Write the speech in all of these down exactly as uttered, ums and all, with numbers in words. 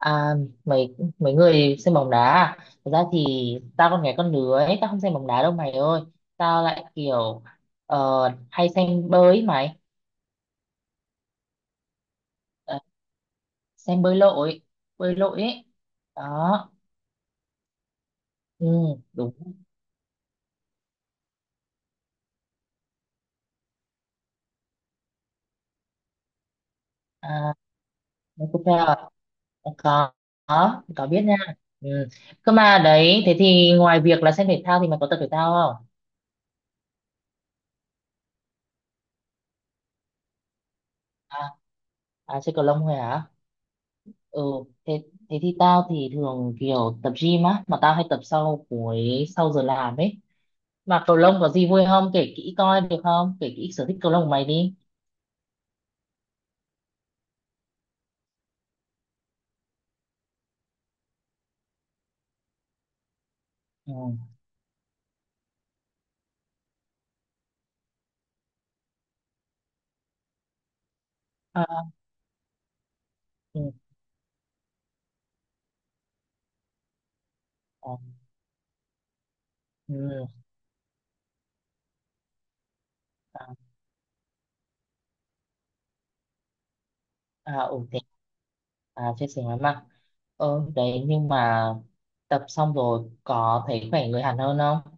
À, mấy mấy người xem bóng đá à? Thật ra thì tao con gái con đứa ấy, tao không xem bóng đá đâu mày ơi. Tao lại kiểu ờ, hay xem bơi ấy mày. Ờ, xem bơi lội, bơi lội ấy. Đó, ừ, đúng. À, mày có theo à? Có, có, có biết nha. Ừ. Cơ mà đấy, thế thì ngoài việc là xem thể thao thì mày có tập thể thao không? À, à chơi cầu lông thôi hả? Ừ, thế thế thì tao thì thường kiểu tập gym á, mà tao hay tập sau cuối sau giờ làm ấy. Mà cầu lông có gì vui không, kể kỹ coi được không, kể kỹ sở thích cầu lông của mày đi. Ừ, à, ừ, à, ừ, à, à, ừ, thế à, chia sẻ với mà. Ừ đấy, nhưng mà tập xong rồi có thấy khỏe người hẳn hơn không?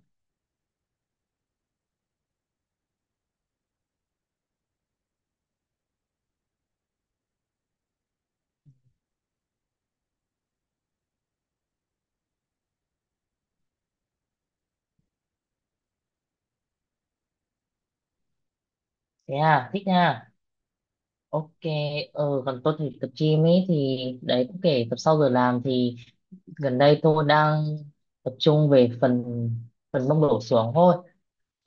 Thế à, thích nha. Ok. Ừ, còn tôi thì tập gym ấy thì đấy, cũng kể tập sau giờ làm thì gần đây tôi đang tập trung về phần phần mông đổ xuống thôi.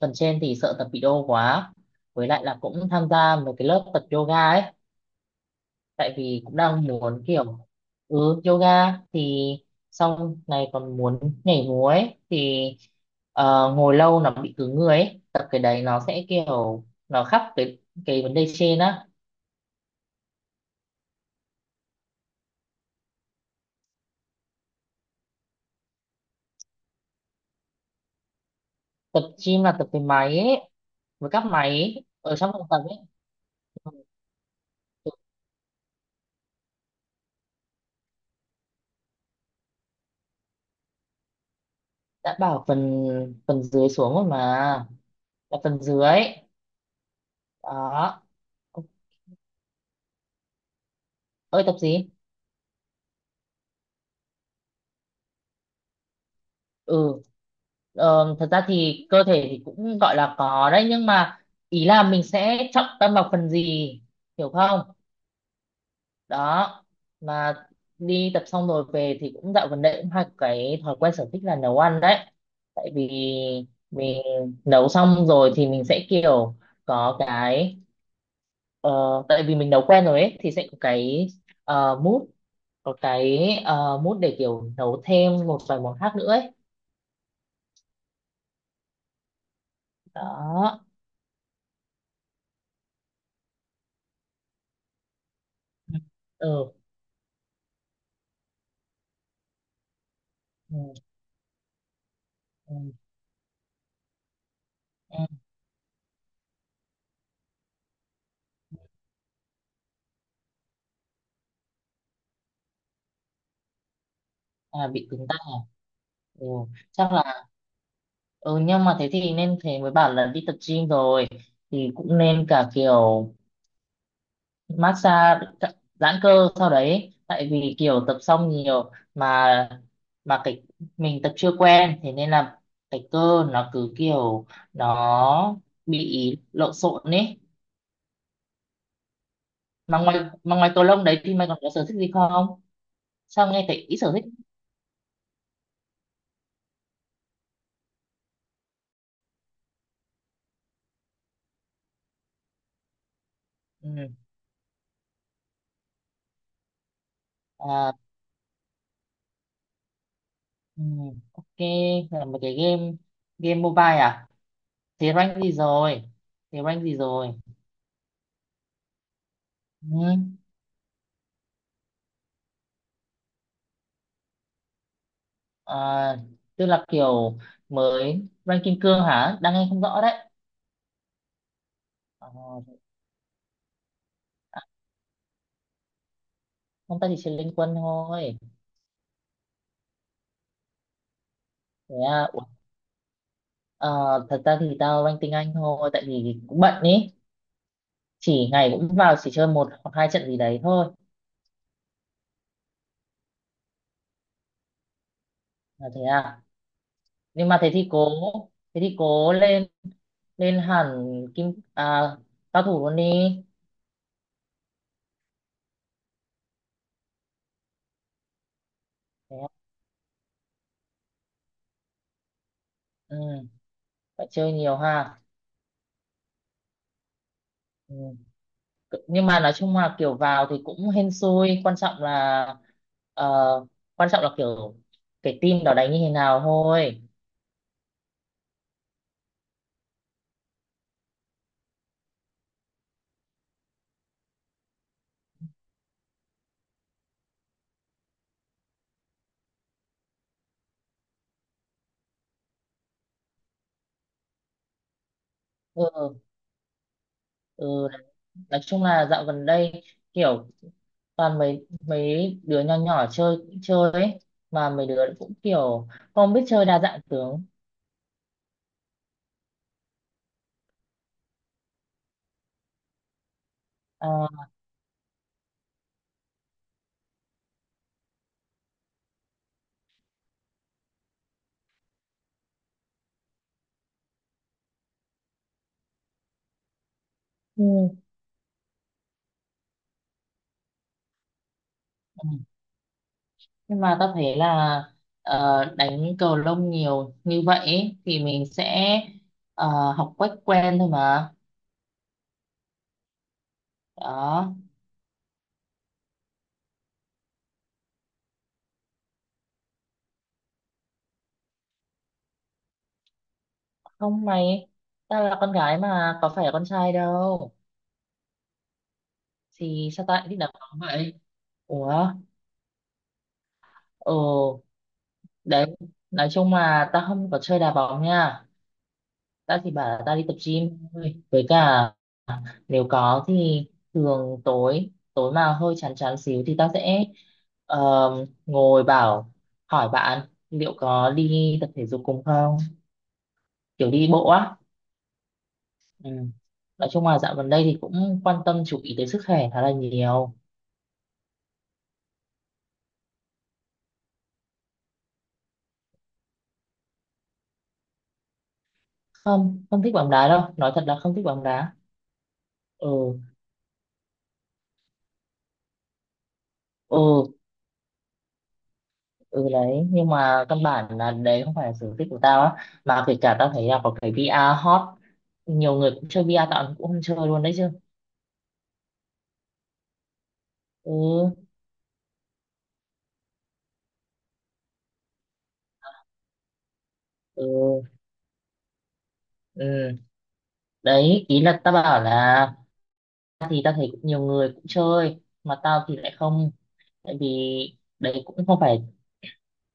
Phần trên thì sợ tập bị đau quá, với lại là cũng tham gia một cái lớp tập yoga ấy, tại vì cũng đang muốn kiểu. Ừ, yoga thì xong này còn muốn nhảy múa ấy thì ờ, ngồi lâu nó bị cứng người ấy, tập cái đấy nó sẽ kiểu nó khắc cái cái vấn đề trên á. Tập gym là tập cái máy ấy, với các máy ấy, ở trong phòng tập ấy. Đã bảo phần phần dưới xuống rồi mà, là phần dưới đó. Ơi tập gì. Ừ, ờ, thật ra thì cơ thể thì cũng gọi là có đấy nhưng mà ý là mình sẽ trọng tâm vào phần gì, hiểu không. Đó, mà đi tập xong rồi về thì cũng dạo gần đây cũng hay có cái thói quen sở thích là nấu ăn đấy. Tại vì mình nấu xong rồi thì mình sẽ kiểu có cái, ờ, tại vì mình nấu quen rồi ấy thì sẽ có cái, uh, mood, có cái ờ, mút để kiểu nấu thêm một vài món khác nữa ấy. Đó. Ừ. Ừ. Ừ. Ừ. À, bị cứng tay à? Ừ. Chắc là, ừ, nhưng mà thế thì nên, thế mới bảo là đi tập gym rồi thì cũng nên cả kiểu massage, cả- giãn cơ sau đấy, tại vì kiểu tập xong nhiều mà mà cái mình tập chưa quen, thế nên là cái cơ nó cứ kiểu nó bị lộn xộn ấy. mà ngoài mà ngoài cầu lông đấy thì mày còn có sở thích gì không? Sao nghe thấy ít sở thích. Ừ. À, ừ. Ok, là một cái game game mobile à? Thế rank gì rồi? thế rank gì rồi ừ. À, tức là kiểu mới rank kim cương hả, đang nghe không rõ đấy. À, không, ta chỉ chơi liên quân thôi. Thế à, ủa, ờ, thật ra thì tao rank tiếng Anh thôi tại vì cũng bận ý, chỉ ngày cũng vào chỉ chơi một hoặc hai trận gì đấy thôi. Là thế à. Nhưng mà thế thì cố thế thì cố lên, lên hẳn kim à, cao thủ luôn đi. Thế ạ. Ừ, phải chơi nhiều ha. Ừ. C- nhưng mà nói chung là kiểu vào thì cũng hên xui, quan trọng là ờ, quan trọng là kiểu cái team đó đánh như thế nào thôi. Ừ, ừ. Nói chung là dạo gần đây kiểu toàn mấy mấy đứa nhỏ nhỏ chơi chơi ấy, mà mấy đứa cũng kiểu không biết chơi đa dạng tướng. À, ừ. Ừ. Nhưng mà tao thấy là ờ, đánh cầu lông nhiều như vậy ấy, thì mình sẽ ờ, học quách quen thôi mà. Đó. Không mày, tao là con gái mà, có phải là con trai đâu thì sao tao lại thích đá bóng vậy. Ủa, ừ đấy. Nói chung là tao không có chơi đá bóng nha, tao chỉ bảo là tao đi tập gym thôi, với cả nếu có thì thường tối tối mà hơi chán chán xíu thì ta sẽ ờm, ngồi bảo, hỏi bạn liệu có đi tập thể dục cùng không, kiểu đi bộ á. Ừ. Nói chung là dạo gần đây thì cũng quan tâm chú ý tới sức khỏe khá là nhiều. Không, không thích bóng đá đâu, nói thật là không thích bóng đá. Ừ, ừ, ừ đấy. Nhưng mà căn bản là đấy không phải là sở thích của tao á, mà kể cả tao thấy là có cái vi a hot, nhiều người cũng chơi vi a tao cũng không chơi luôn đấy chứ. Ừ, ừ, ừ. Đấy ý là tao bảo là thì tao thấy cũng nhiều người cũng chơi mà tao thì lại không, tại vì đấy cũng không phải,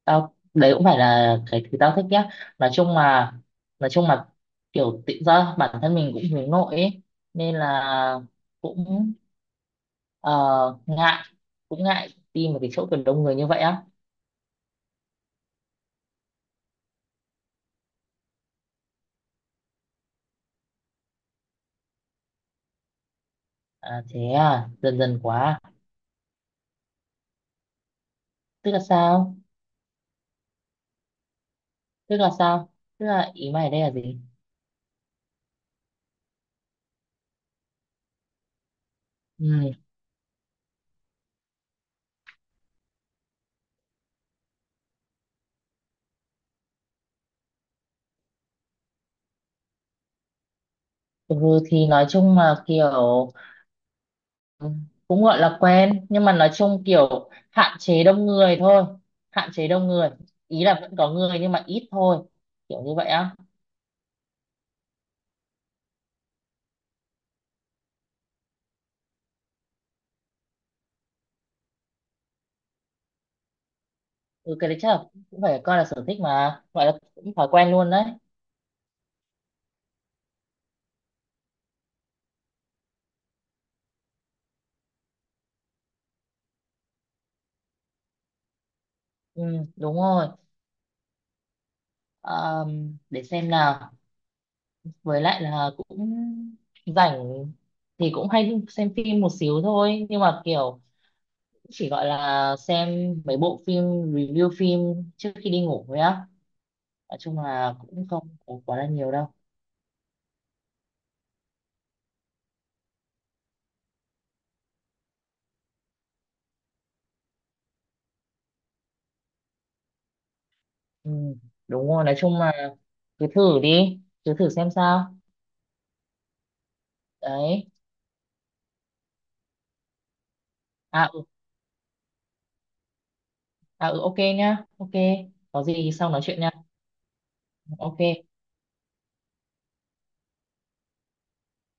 tao đấy cũng phải là cái thứ tao thích nhá. nói chung là nói chung là kiểu tự do bản thân mình cũng hướng nội ấy, nên là cũng ờ, ngại cũng ngại đi một cái chỗ kiểu đông người như vậy á. À, thế à, dần dần quá, tức là sao? tức là sao Tức là ý mày ở đây là gì? Ừ. Ừ, thì nói chung là kiểu, ừ, cũng gọi là quen nhưng mà nói chung kiểu hạn chế đông người thôi, hạn chế đông người, ý là vẫn có người nhưng mà ít thôi, kiểu như vậy á. Ừ, cái đấy chắc là cũng phải coi là sở thích mà gọi là cũng thói quen luôn đấy. Ừ, đúng rồi. Ờm, để xem nào, với lại là cũng rảnh thì cũng hay xem phim một xíu thôi nhưng mà kiểu chỉ gọi là xem mấy bộ phim review phim trước khi đi ngủ thôi á, nói chung là cũng không có quá là nhiều đâu. Ừ, đúng rồi, nói chung là cứ thử đi, cứ thử xem sao. Đấy. À, ừ, à, ừ, ok nhá, ok, có gì thì sau nói chuyện nha. Ok.